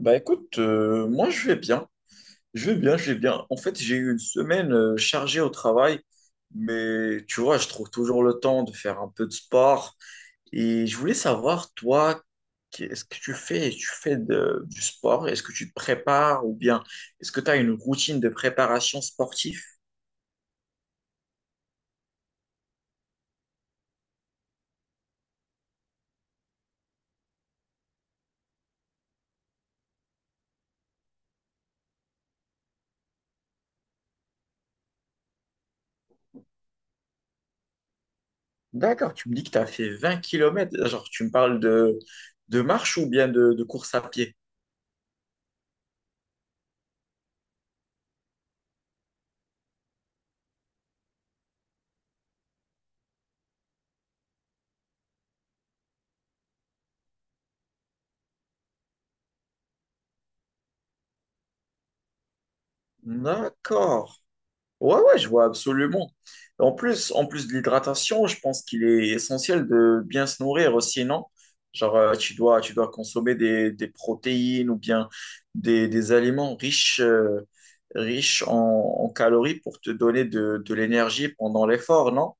Bah écoute, moi je vais bien, je vais bien, je vais bien. En fait, j'ai eu une semaine chargée au travail, mais tu vois, je trouve toujours le temps de faire un peu de sport. Et je voulais savoir, toi, qu'est-ce que tu fais? Tu fais du sport? Est-ce que tu te prépares ou bien est-ce que tu as une routine de préparation sportive? D'accord, tu me dis que tu as fait 20 kilomètres. Genre, tu me parles de marche ou bien de course à pied? D'accord. Ouais, ouais, je vois absolument. En plus de l'hydratation, je pense qu'il est essentiel de bien se nourrir aussi, non? Genre, tu dois consommer des protéines ou bien des aliments riches, riches en calories pour te donner de l'énergie pendant l'effort, non?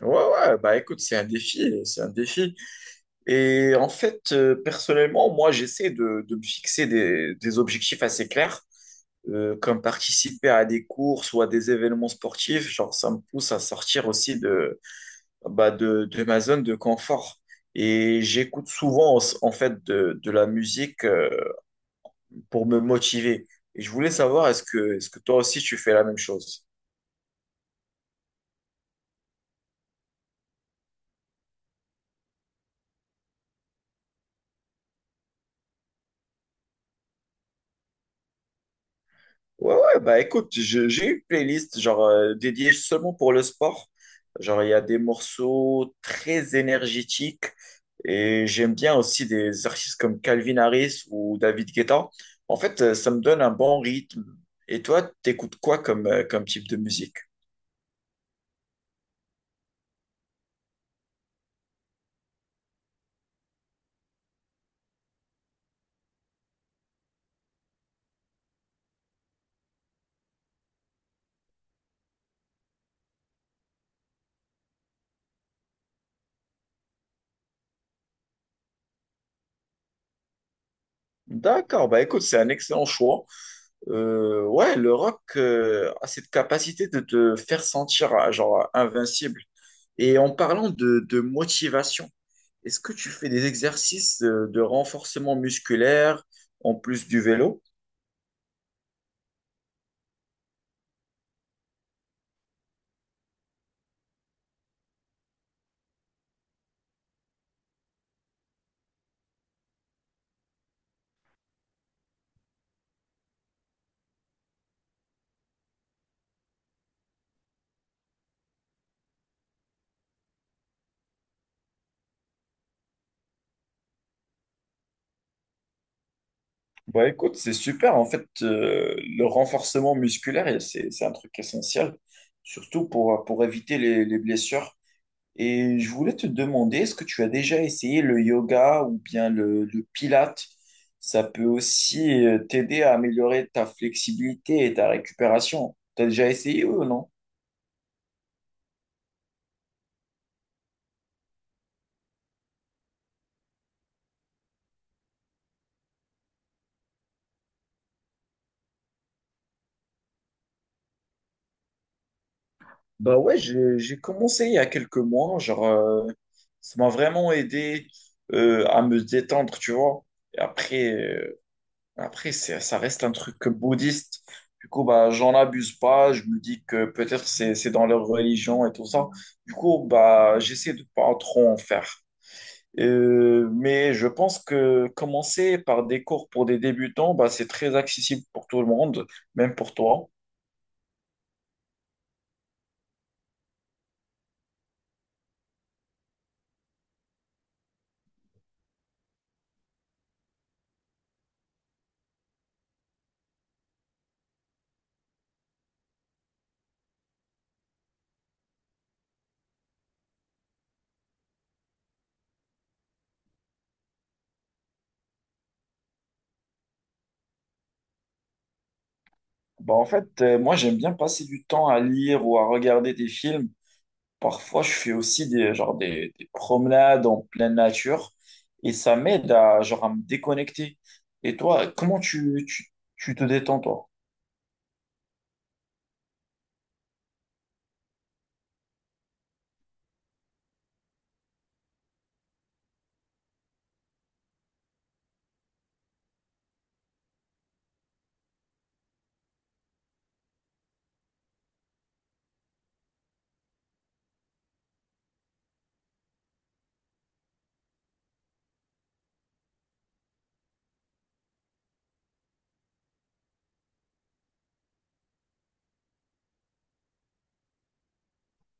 Ouais, ouais, bah écoute, c'est un défi, c'est un défi. Et en fait, personnellement, moi, j'essaie de me fixer des objectifs assez clairs, comme participer à des courses ou à des événements sportifs. Genre, ça me pousse à sortir aussi de ma zone de confort. Et j'écoute souvent, en fait, de la musique, pour me motiver. Et je voulais savoir, est-ce que toi aussi, tu fais la même chose? Ouais, ouais, bah écoute, j'ai une playlist genre dédiée seulement pour le sport. Genre, il y a des morceaux très énergétiques et j'aime bien aussi des artistes comme Calvin Harris ou David Guetta. En fait, ça me donne un bon rythme. Et toi, t'écoutes quoi comme, comme type de musique? D'accord, bah écoute, c'est un excellent choix. Ouais, le rock a cette capacité de te faire sentir genre invincible. Et en parlant de motivation, est-ce que tu fais des exercices de renforcement musculaire en plus du vélo? Bah écoute, c'est super. En fait, le renforcement musculaire, et c'est un truc essentiel, surtout pour éviter les blessures. Et je voulais te demander, est-ce que tu as déjà essayé le yoga ou bien le pilate? Ça peut aussi t'aider à améliorer ta flexibilité et ta récupération. T'as déjà essayé ou non? Bah ouais, j'ai commencé il y a quelques mois, genre ça m'a vraiment aidé à me détendre, tu vois. Et après après c'est ça reste un truc bouddhiste. Du coup bah j'en abuse pas, je me dis que peut-être c'est dans leur religion et tout ça. Du coup bah j'essaie de pas trop en faire. Mais je pense que commencer par des cours pour des débutants, bah c'est très accessible pour tout le monde, même pour toi. Bah en fait, moi j'aime bien passer du temps à lire ou à regarder des films. Parfois, je fais aussi des promenades en pleine nature et ça m'aide à, genre, à me déconnecter. Et toi, comment tu te détends, toi?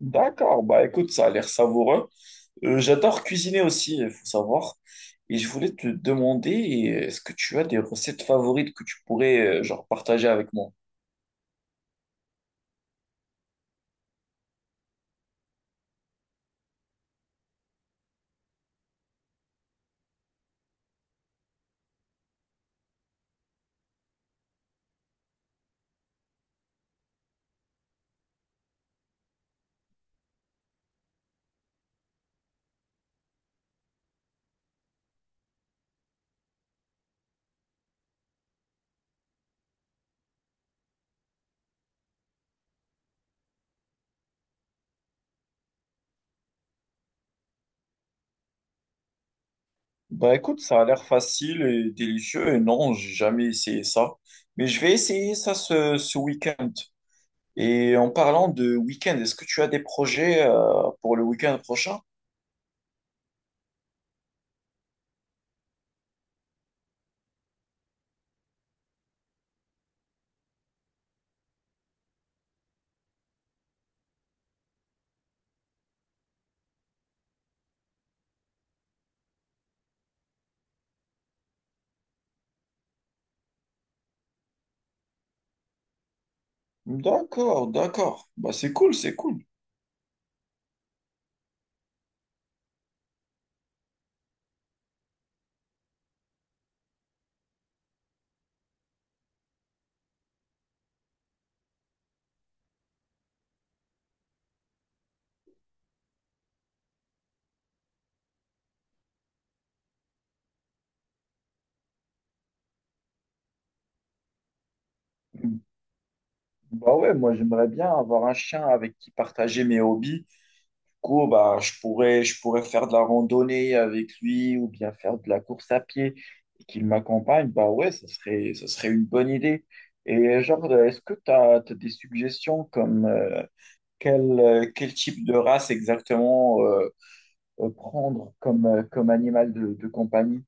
D'accord, bah écoute, ça a l'air savoureux. J'adore cuisiner aussi, il faut savoir. Et je voulais te demander, est-ce que tu as des recettes favorites que tu pourrais genre partager avec moi? Bah écoute, ça a l'air facile et délicieux et non, j'ai jamais essayé ça. Mais je vais essayer ça ce week-end. Et en parlant de week-end, est-ce que tu as des projets pour le week-end prochain? D'accord, d'accord. Bah c'est cool, c'est cool. Bah ouais, moi j'aimerais bien avoir un chien avec qui partager mes hobbies. Coup, bah, je pourrais faire de la randonnée avec lui ou bien faire de la course à pied et qu'il m'accompagne, bah ouais, ça serait une bonne idée. Et genre, est-ce que tu as, des suggestions comme quel, quel type de race exactement prendre comme, comme animal de compagnie?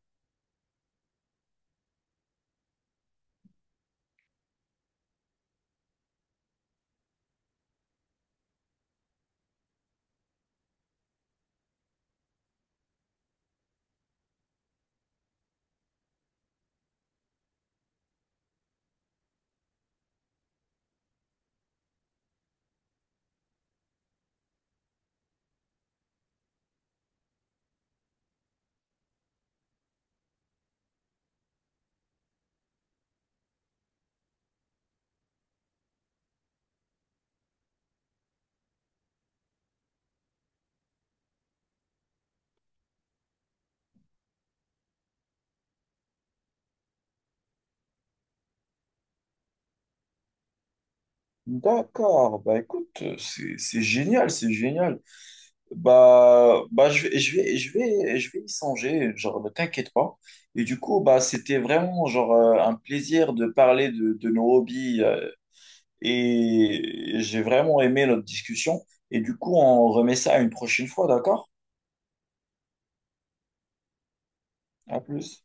D'accord, bah écoute, c'est génial, c'est génial. Je je vais y songer, genre, ne t'inquiète pas. Et du coup, bah, c'était vraiment, genre, un plaisir de parler de nos hobbies, et j'ai vraiment aimé notre discussion. Et du coup, on remet ça une prochaine fois, d'accord? À plus.